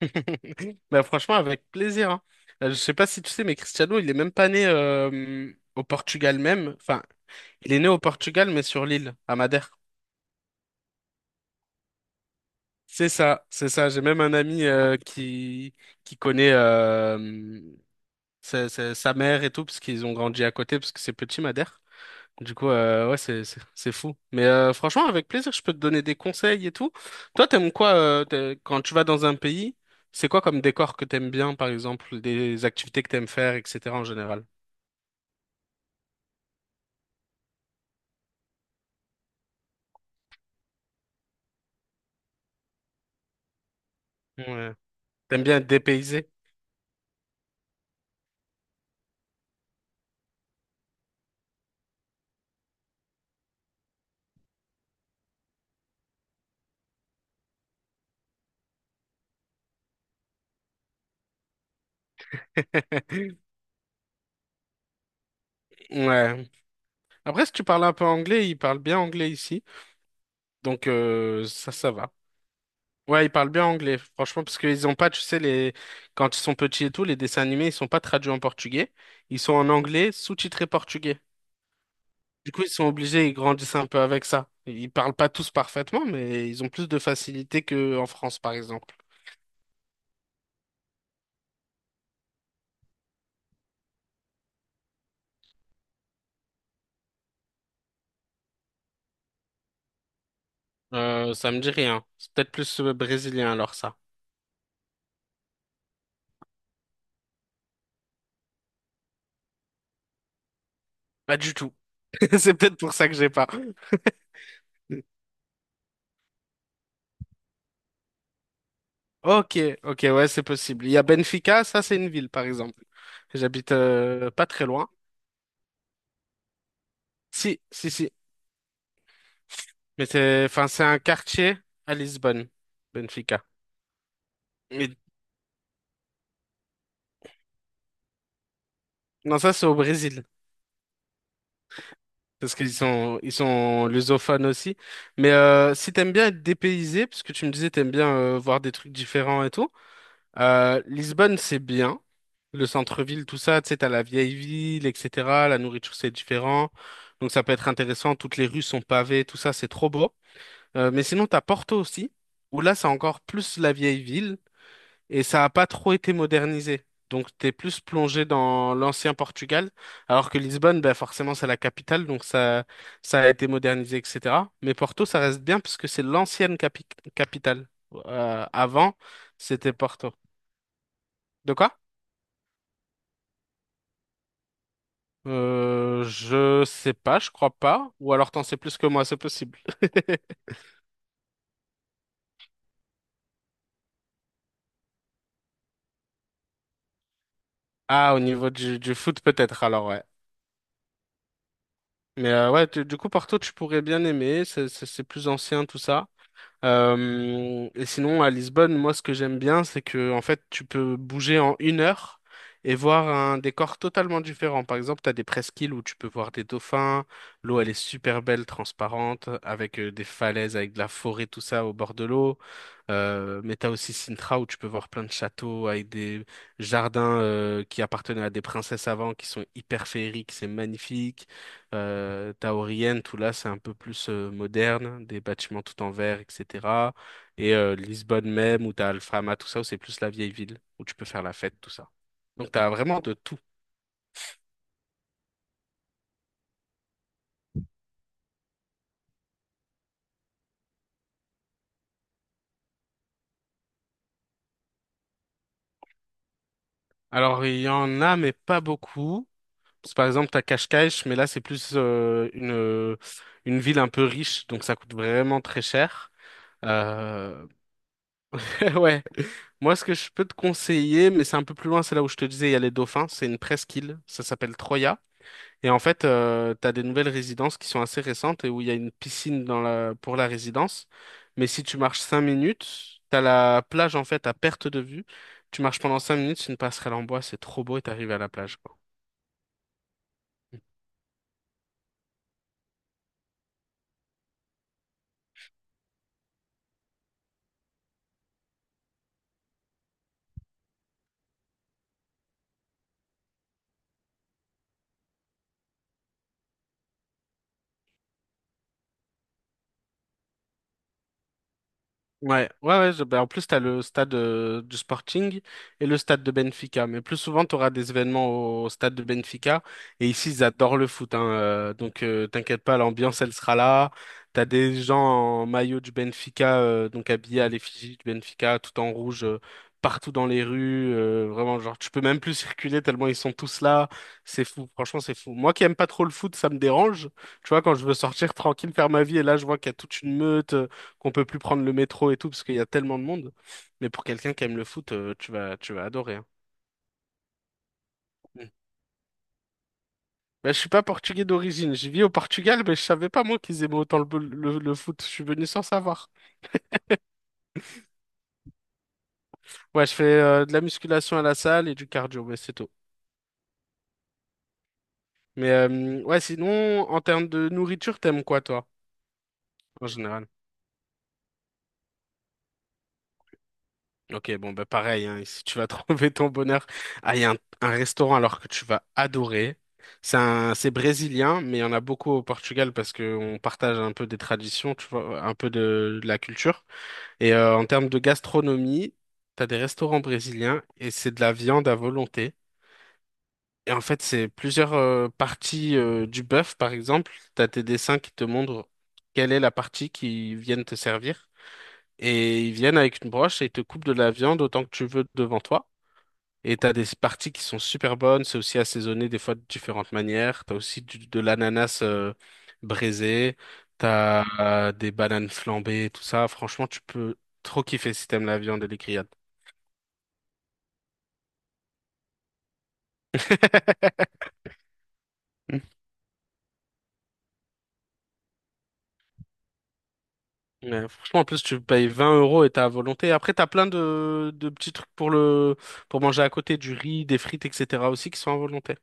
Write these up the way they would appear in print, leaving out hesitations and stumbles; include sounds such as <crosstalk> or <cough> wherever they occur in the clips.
<laughs> Bah franchement, avec plaisir. Hein. Je sais pas si tu sais, mais Cristiano, il est même pas né au Portugal même. Enfin, il est né au Portugal, mais sur l'île, à Madère. C'est ça, c'est ça. J'ai même un ami qui connaît sa, sa mère et tout, parce qu'ils ont grandi à côté, parce que c'est petit Madère. Du coup, ouais, c'est fou. Mais franchement, avec plaisir, je peux te donner des conseils et tout. Toi, t'aimes quoi quand tu vas dans un pays? C'est quoi comme décor que t'aimes bien, par exemple, des activités que t'aimes faire, etc. en général? Ouais. T'aimes bien être dépaysé? <laughs> Ouais. Après, si tu parles un peu anglais, ils parlent bien anglais ici. Donc, ça, ça va. Ouais, ils parlent bien anglais, franchement, parce qu'ils ont pas, tu sais, les... quand ils sont petits et tout, les dessins animés, ils sont pas traduits en portugais. Ils sont en anglais, sous-titrés portugais. Du coup, ils sont obligés, ils grandissent un peu avec ça. Ils parlent pas tous parfaitement, mais ils ont plus de facilité qu'en France, par exemple. Ça me dit rien. C'est peut-être plus brésilien alors ça. Pas du tout. <laughs> C'est peut-être pour ça que j'ai pas. Ok, ok, ouais, c'est possible. Il y a Benfica, ça c'est une ville, par exemple. J'habite pas très loin. Si, si, si. Mais c'est, enfin, c'est un quartier à Lisbonne, Benfica. Mais non, ça c'est au Brésil. Parce qu'ils sont lusophones aussi. Mais si t'aimes bien être dépaysé, parce que tu me disais t'aimes bien voir des trucs différents et tout, Lisbonne c'est bien. Le centre-ville, tout ça, tu sais, t'as la vieille ville, etc. La nourriture c'est différent. Donc ça peut être intéressant. Toutes les rues sont pavées, tout ça, c'est trop beau. Mais sinon t'as Porto aussi, où là c'est encore plus la vieille ville et ça n'a pas trop été modernisé. Donc t'es plus plongé dans l'ancien Portugal, alors que Lisbonne, bah, forcément c'est la capitale, donc ça a été modernisé, etc. Mais Porto, ça reste bien parce que c'est l'ancienne capitale. Avant, c'était Porto. De quoi? Je sais pas, je crois pas. Ou alors t'en sais plus que moi, c'est possible. <laughs> Ah, au niveau du foot peut-être, alors ouais. Mais ouais, du coup Porto, tu pourrais bien aimer, c'est plus ancien, tout ça. Et sinon, à Lisbonne, moi, ce que j'aime bien, c'est que, en fait, tu peux bouger en une heure et voir un décor totalement différent. Par exemple, tu as des presqu'îles où tu peux voir des dauphins, l'eau, elle est super belle, transparente, avec des falaises, avec de la forêt, tout ça au bord de l'eau. Mais tu as aussi Sintra où tu peux voir plein de châteaux avec des jardins qui appartenaient à des princesses avant, qui sont hyper féeriques, c'est magnifique. Taormine, tout là, c'est un peu plus moderne, des bâtiments tout en verre, etc. Et Lisbonne même, où t'as Alfama, tout ça, où c'est plus la vieille ville, où tu peux faire la fête, tout ça. Donc t'as vraiment de tout. Alors il y en a, mais pas beaucoup. Parce que, par exemple, t'as Cascais, mais là c'est plus une ville un peu riche, donc ça coûte vraiment très cher. Euh, <laughs> ouais. Moi, ce que je peux te conseiller, mais c'est un peu plus loin, c'est là où je te disais, il y a les dauphins. C'est une presqu'île, ça s'appelle Troya. Et en fait, tu as des nouvelles résidences qui sont assez récentes et où il y a une piscine dans pour la résidence. Mais si tu marches 5 minutes, tu as la plage en fait à perte de vue. Tu marches pendant 5 minutes, c'est une passerelle en bois, c'est trop beau et tu arrives à la plage, quoi. Ouais, ouais, ouais. Ben, en plus, t'as le stade du Sporting et le stade de Benfica. Mais plus souvent, t'auras des événements au stade de Benfica. Et ici, ils adorent le foot. Hein, donc, t'inquiète pas, l'ambiance, elle sera là. T'as des gens en maillot du Benfica, donc habillés à l'effigie du Benfica, tout en rouge, partout dans les rues. Vraiment, genre, tu peux même plus circuler tellement ils sont tous là. C'est fou. Franchement, c'est fou. Moi qui aime pas trop le foot, ça me dérange. Tu vois, quand je veux sortir <laughs> tranquille, faire ma vie, et là, je vois qu'il y a toute une meute qu'on peut plus prendre le métro et tout parce qu'il y a tellement de monde. Mais pour quelqu'un qui aime le foot, tu vas, adorer. Hein. Mm. Bah, je suis pas portugais d'origine. Je vis au Portugal, mais je savais pas moi qu'ils aimaient autant le foot. Je suis venu sans savoir. Ouais, je fais de la musculation à la salle et du cardio, mais c'est tout. Mais ouais, sinon, en termes de nourriture, t'aimes quoi toi, en général? Ok, bon, bah pareil, hein, si tu vas <laughs> trouver ton bonheur, ah, il y a un restaurant alors que tu vas adorer. C'est c'est brésilien, mais il y en a beaucoup au Portugal parce qu'on partage un peu des traditions, tu vois, un peu de la culture. Et en termes de gastronomie, t'as des restaurants brésiliens et c'est de la viande à volonté. Et en fait, c'est plusieurs parties du bœuf, par exemple. T'as tes dessins qui te montrent quelle est la partie qu'ils viennent te servir. Et ils viennent avec une broche et ils te coupent de la viande autant que tu veux devant toi. Et t'as des parties qui sont super bonnes, c'est aussi assaisonné des fois de différentes manières. T'as aussi de l'ananas braisé, t'as des bananes flambées, tout ça. Franchement, tu peux trop kiffer si t'aimes la viande et les grillades. <laughs> Mm. Ouais, franchement, en plus, tu payes 20 € et t'as à volonté. Après, t'as plein de petits trucs pour le pour manger à côté, du riz, des frites, etc. aussi qui sont à volonté.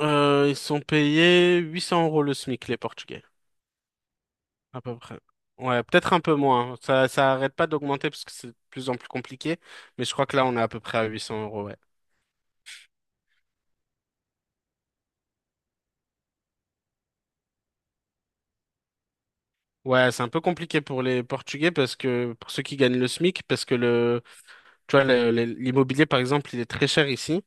Ils sont payés 800 € le SMIC, les Portugais. À peu près. Ouais, peut-être un peu moins. Ça arrête pas d'augmenter parce que c'est de plus en plus compliqué. Mais je crois que là, on est à peu près à 800 euros, ouais. Ouais, c'est un peu compliqué pour les Portugais parce que, pour ceux qui gagnent le SMIC, parce que tu vois, l'immobilier, par exemple, il est très cher ici.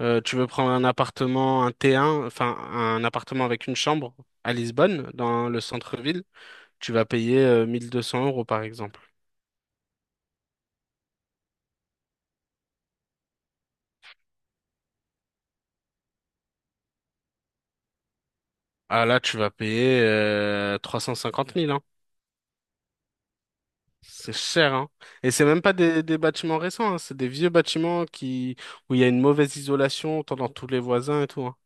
Tu veux prendre un appartement, un T1, enfin, un appartement avec une chambre à Lisbonne, dans le centre-ville, tu vas payer 1200 euros, par exemple. Ah là, tu vas payer 350 000 hein. C'est cher, hein. Et c'est même pas des bâtiments récents, hein. C'est des vieux bâtiments qui, où il y a une mauvaise isolation, entend dans tous les voisins et tout, hein.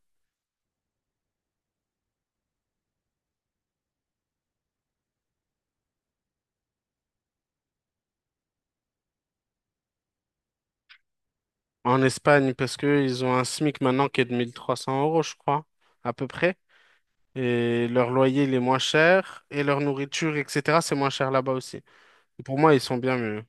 En Espagne, parce que ils ont un SMIC maintenant qui est de 1300 euros, je crois, à peu près. Et leur loyer, il est moins cher. Et leur nourriture, etc., c'est moins cher là-bas aussi. Et pour moi, ils sont bien mieux.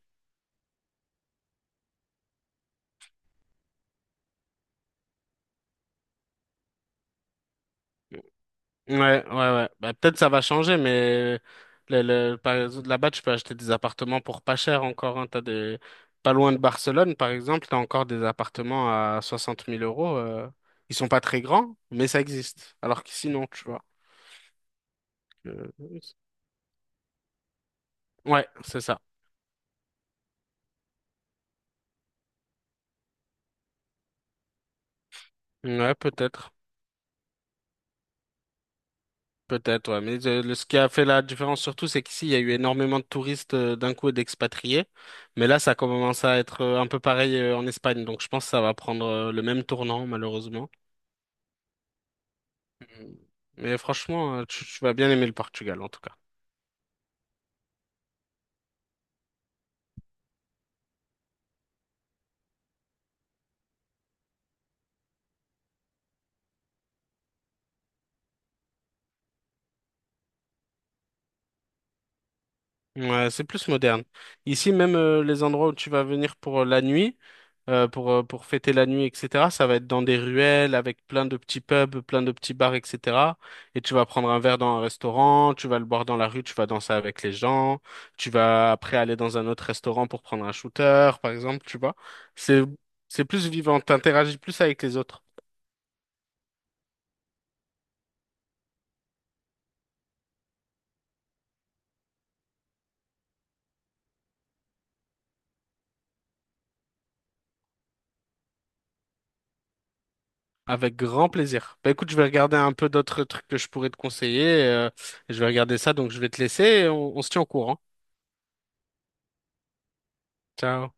Ouais, ouais, ouais. Bah, peut-être ça va changer, mais par exemple, là-bas, tu peux acheter des appartements pour pas cher encore. Hein. T'as des... Pas loin de Barcelone, par exemple, t'as encore des appartements à soixante mille euros. Ils sont pas très grands, mais ça existe. Alors qu'ici, non, tu vois. Euh, Ouais, c'est ça. Ouais, peut-être. Peut-être, ouais. Mais ce qui a fait la différence surtout, c'est qu'ici, il y a eu énormément de touristes d'un coup et d'expatriés. Mais là, ça commence à être un peu pareil en Espagne. Donc, je pense que ça va prendre le même tournant, malheureusement. Mm. Mais franchement, tu, vas bien aimer le Portugal en tout cas. Ouais, c'est plus moderne. Ici, même les endroits où tu vas venir pour la nuit, pour fêter la nuit, etc., ça va être dans des ruelles avec plein de petits pubs, plein de petits bars, etc. Et tu vas prendre un verre dans un restaurant, tu vas le boire dans la rue, tu vas danser avec les gens, tu vas après aller dans un autre restaurant pour prendre un shooter, par exemple, tu vois. C'est, c'est plus vivant, t'interagis plus avec les autres. Avec grand plaisir. Bah écoute, je vais regarder un peu d'autres trucs que je pourrais te conseiller. Et je vais regarder ça, donc je vais te laisser et on se tient au courant. Ciao.